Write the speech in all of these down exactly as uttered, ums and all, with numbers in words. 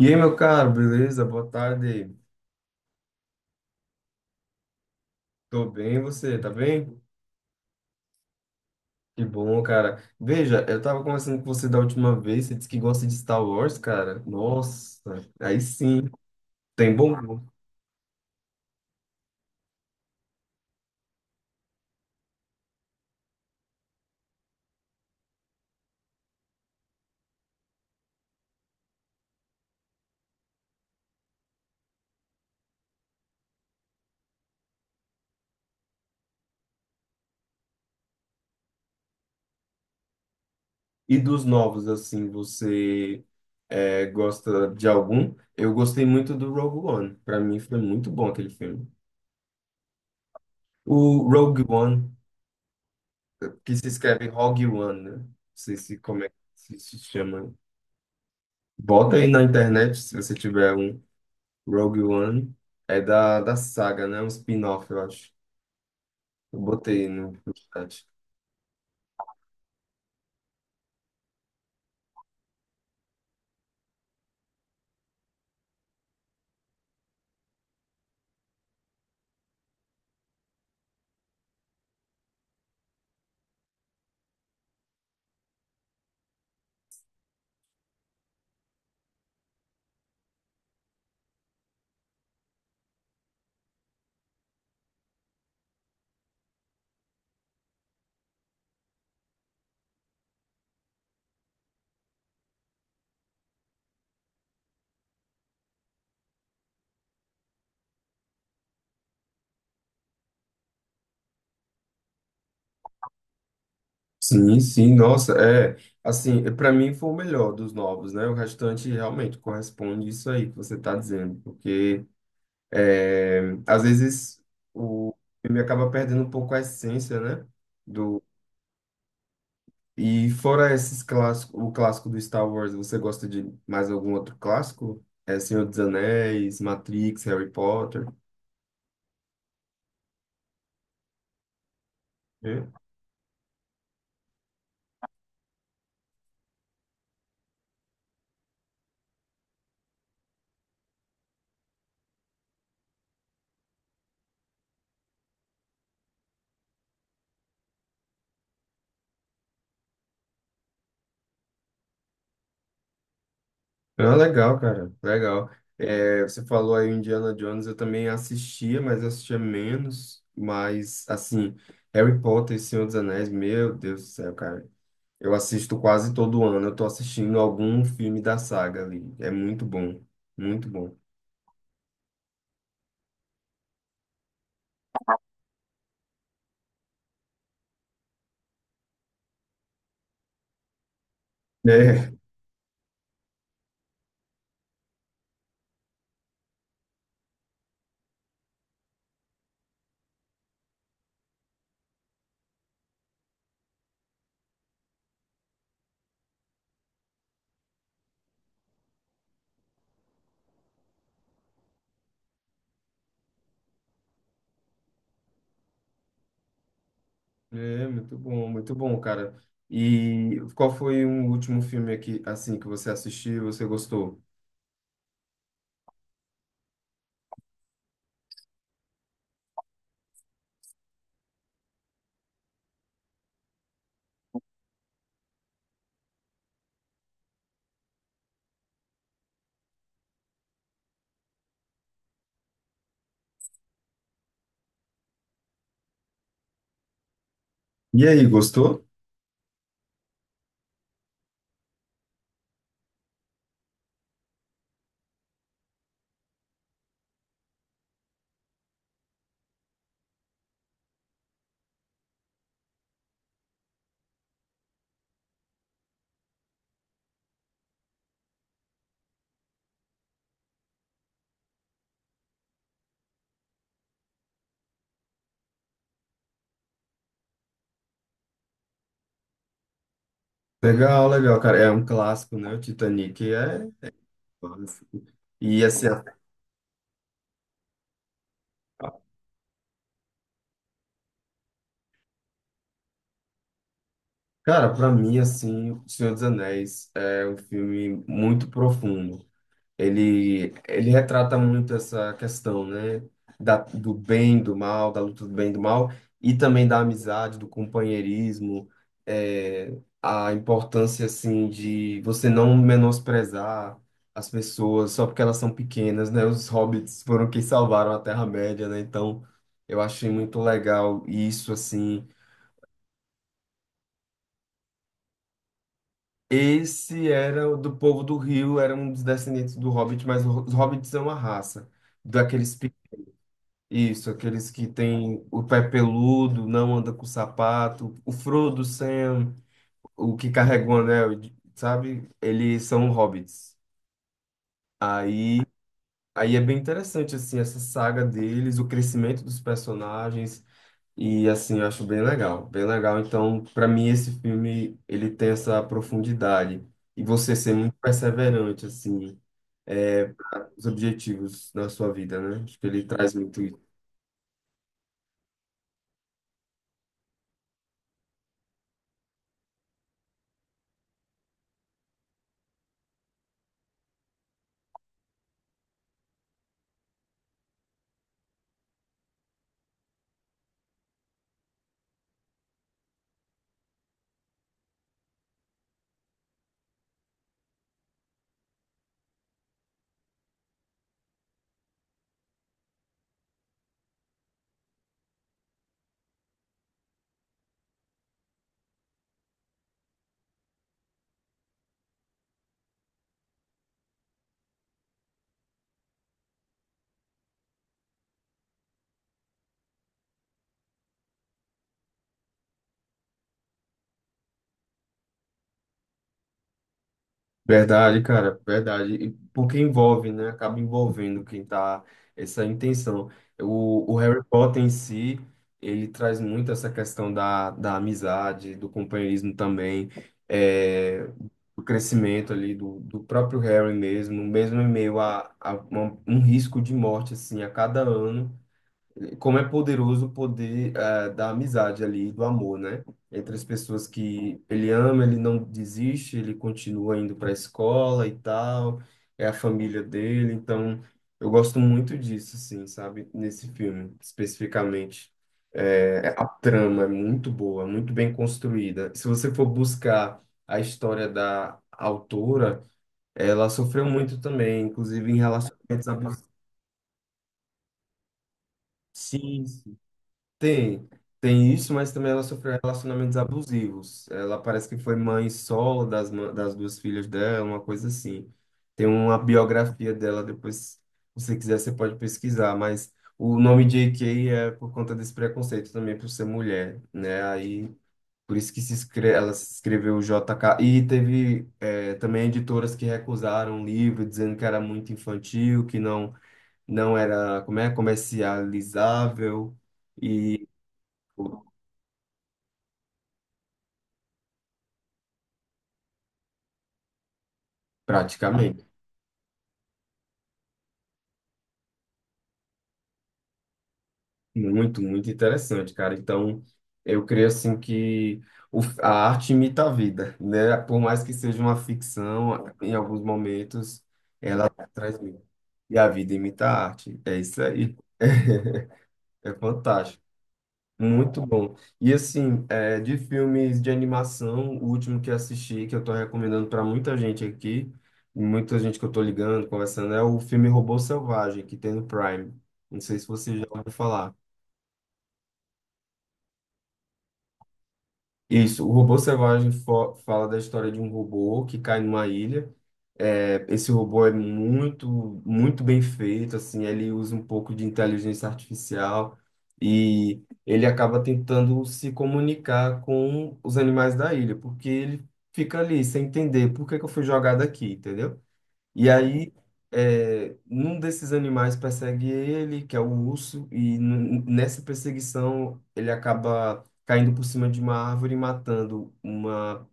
E aí, meu caro, beleza? Boa tarde. Tô bem, você, tá bem? Que bom, cara. Veja, eu tava conversando com você da última vez, você disse que gosta de Star Wars, cara. Nossa, aí sim, tem bom. Gosto. E dos novos, assim, você é, gosta de algum? Eu gostei muito do Rogue One. Pra mim foi muito bom aquele filme. O Rogue One, que se escreve Rogue One, né? Não sei se como é que se se chama. Bota aí na internet se você tiver um. Rogue One é da, da saga, né? Um spin-off, eu acho. Eu botei no, no chat. Sim, sim, nossa, é. Assim, para mim foi o melhor dos novos, né? O restante realmente corresponde isso aí que você tá dizendo, porque é, às vezes o filme acaba perdendo um pouco a essência, né? Do, e fora esses clássicos, o clássico do Star Wars, você gosta de mais algum outro clássico? É Senhor dos Anéis, Matrix, Harry Potter? Né? Ah, legal, cara, legal. É, você falou aí o Indiana Jones, eu também assistia, mas eu assistia menos. Mas, assim, Harry Potter e Senhor dos Anéis, meu Deus do céu, cara. Eu assisto quase todo ano, eu tô assistindo algum filme da saga ali. É muito bom, muito bom. É, é muito bom, muito bom, cara. E qual foi o último filme aqui, assim, que você assistiu e você gostou? E aí, gostou? Legal, legal, cara. É um clássico, né? O Titanic é. E assim, a- cara, pra mim assim, O Senhor dos Anéis é um filme muito profundo. Ele ele retrata muito essa questão, né, da, do bem, do mal, da luta do bem e do mal e também da amizade, do companheirismo, é, a importância assim de você não menosprezar as pessoas só porque elas são pequenas, né? Os hobbits foram quem salvaram a Terra-média, né? Então, eu achei muito legal isso assim. Esse era o do povo do Rio, era um dos descendentes do Hobbit, mas o- os Hobbits são uma raça. Daqueles, pe- isso, aqueles que têm o pé peludo, não anda com sapato, o Frodo, Sam, o que carrega o anel, sabe? Eles são Hobbits. Aí, aí é bem interessante, assim, essa saga deles, o crescimento dos personagens. E assim, eu acho bem legal, bem legal. Então, para mim esse filme, ele tem essa profundidade e você ser muito perseverante assim, os objetivos na sua vida, né? Acho que ele traz muito. Verdade, cara, verdade. E porque envolve, né? Acaba envolvendo quem tá essa intenção. O, o Harry Potter em si, ele traz muito essa questão da, da amizade, do companheirismo também, é, do crescimento ali do, do próprio Harry mesmo, mesmo em meio a, a uma- um risco de morte, assim, a cada ano como é poderoso o poder eh, da amizade ali, do amor, né? Entre as pessoas que ele ama, ele não desiste, ele continua indo para a escola e tal, é a família dele, então eu gosto muito disso, assim, sabe? Nesse filme, especificamente. Eh, a trama é muito boa, muito bem construída. Se você for buscar a história da autora, ela sofreu muito também, inclusive em relacionamentos abusivos. Tem, tem isso, mas também ela sofreu relacionamentos abusivos. Ela parece que foi mãe solo das, ma- das duas filhas dela, uma coisa assim. Tem uma biografia dela, depois, se você quiser, você pode pesquisar, mas o nome J K é por conta desse preconceito também por ser mulher, né? Aí, por isso que se escre ela se escreveu J K. E teve eh, também editoras que recusaram o livro, dizendo que era muito infantil, que não, não era, como é, comercializável. E praticamente. Muito, muito interessante, cara. Então, eu creio assim que o- a arte imita a vida, né? Por mais que seja uma ficção, em alguns momentos ela transmite. E a vida imita a arte. É isso aí. É fantástico. Muito bom. E assim, é, de filmes de animação, o último que assisti, que eu tô recomendando para muita gente aqui, muita gente que eu tô ligando, conversando, é o filme Robô Selvagem, que tem no Prime. Não sei se você já ouviu falar. Isso, o robô selvagem fo- fala da história de um robô que cai numa ilha. É, esse robô é muito, muito bem feito, assim, ele usa um pouco de inteligência artificial e ele acaba tentando se comunicar com os animais da ilha, porque ele fica ali sem entender por que que eu fui jogado aqui, entendeu? E aí, é, um desses animais persegue ele, que é o urso, e n- nessa perseguição ele acaba caindo por cima de uma árvore e matando uma,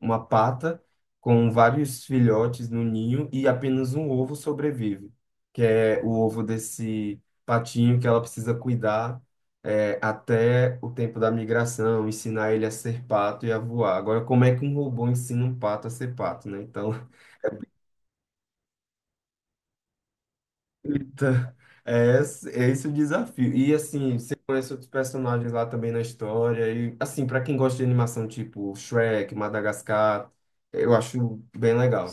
uma pata com vários filhotes no ninho e apenas um ovo sobrevive, que é o ovo desse patinho que ela precisa cuidar. É, até o tempo da migração, ensinar ele a ser pato e a voar. Agora, como é que um robô ensina um pato a ser pato, né? Então, eita, é, esse- é esse o desafio. E assim, você conhece outros personagens lá também na história. E assim, pra quem gosta de animação tipo Shrek, Madagascar, eu acho bem legal.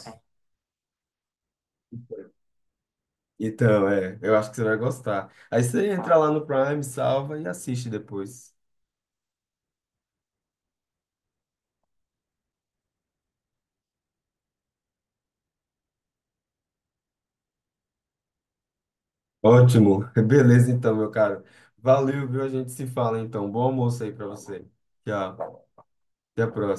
Então, é, eu acho que você vai gostar. Aí você entra lá no Prime, salva e assiste depois. Ótimo, beleza então, meu caro. Valeu, viu? A gente se fala então. Bom almoço aí pra você. Tchau, até a próxima.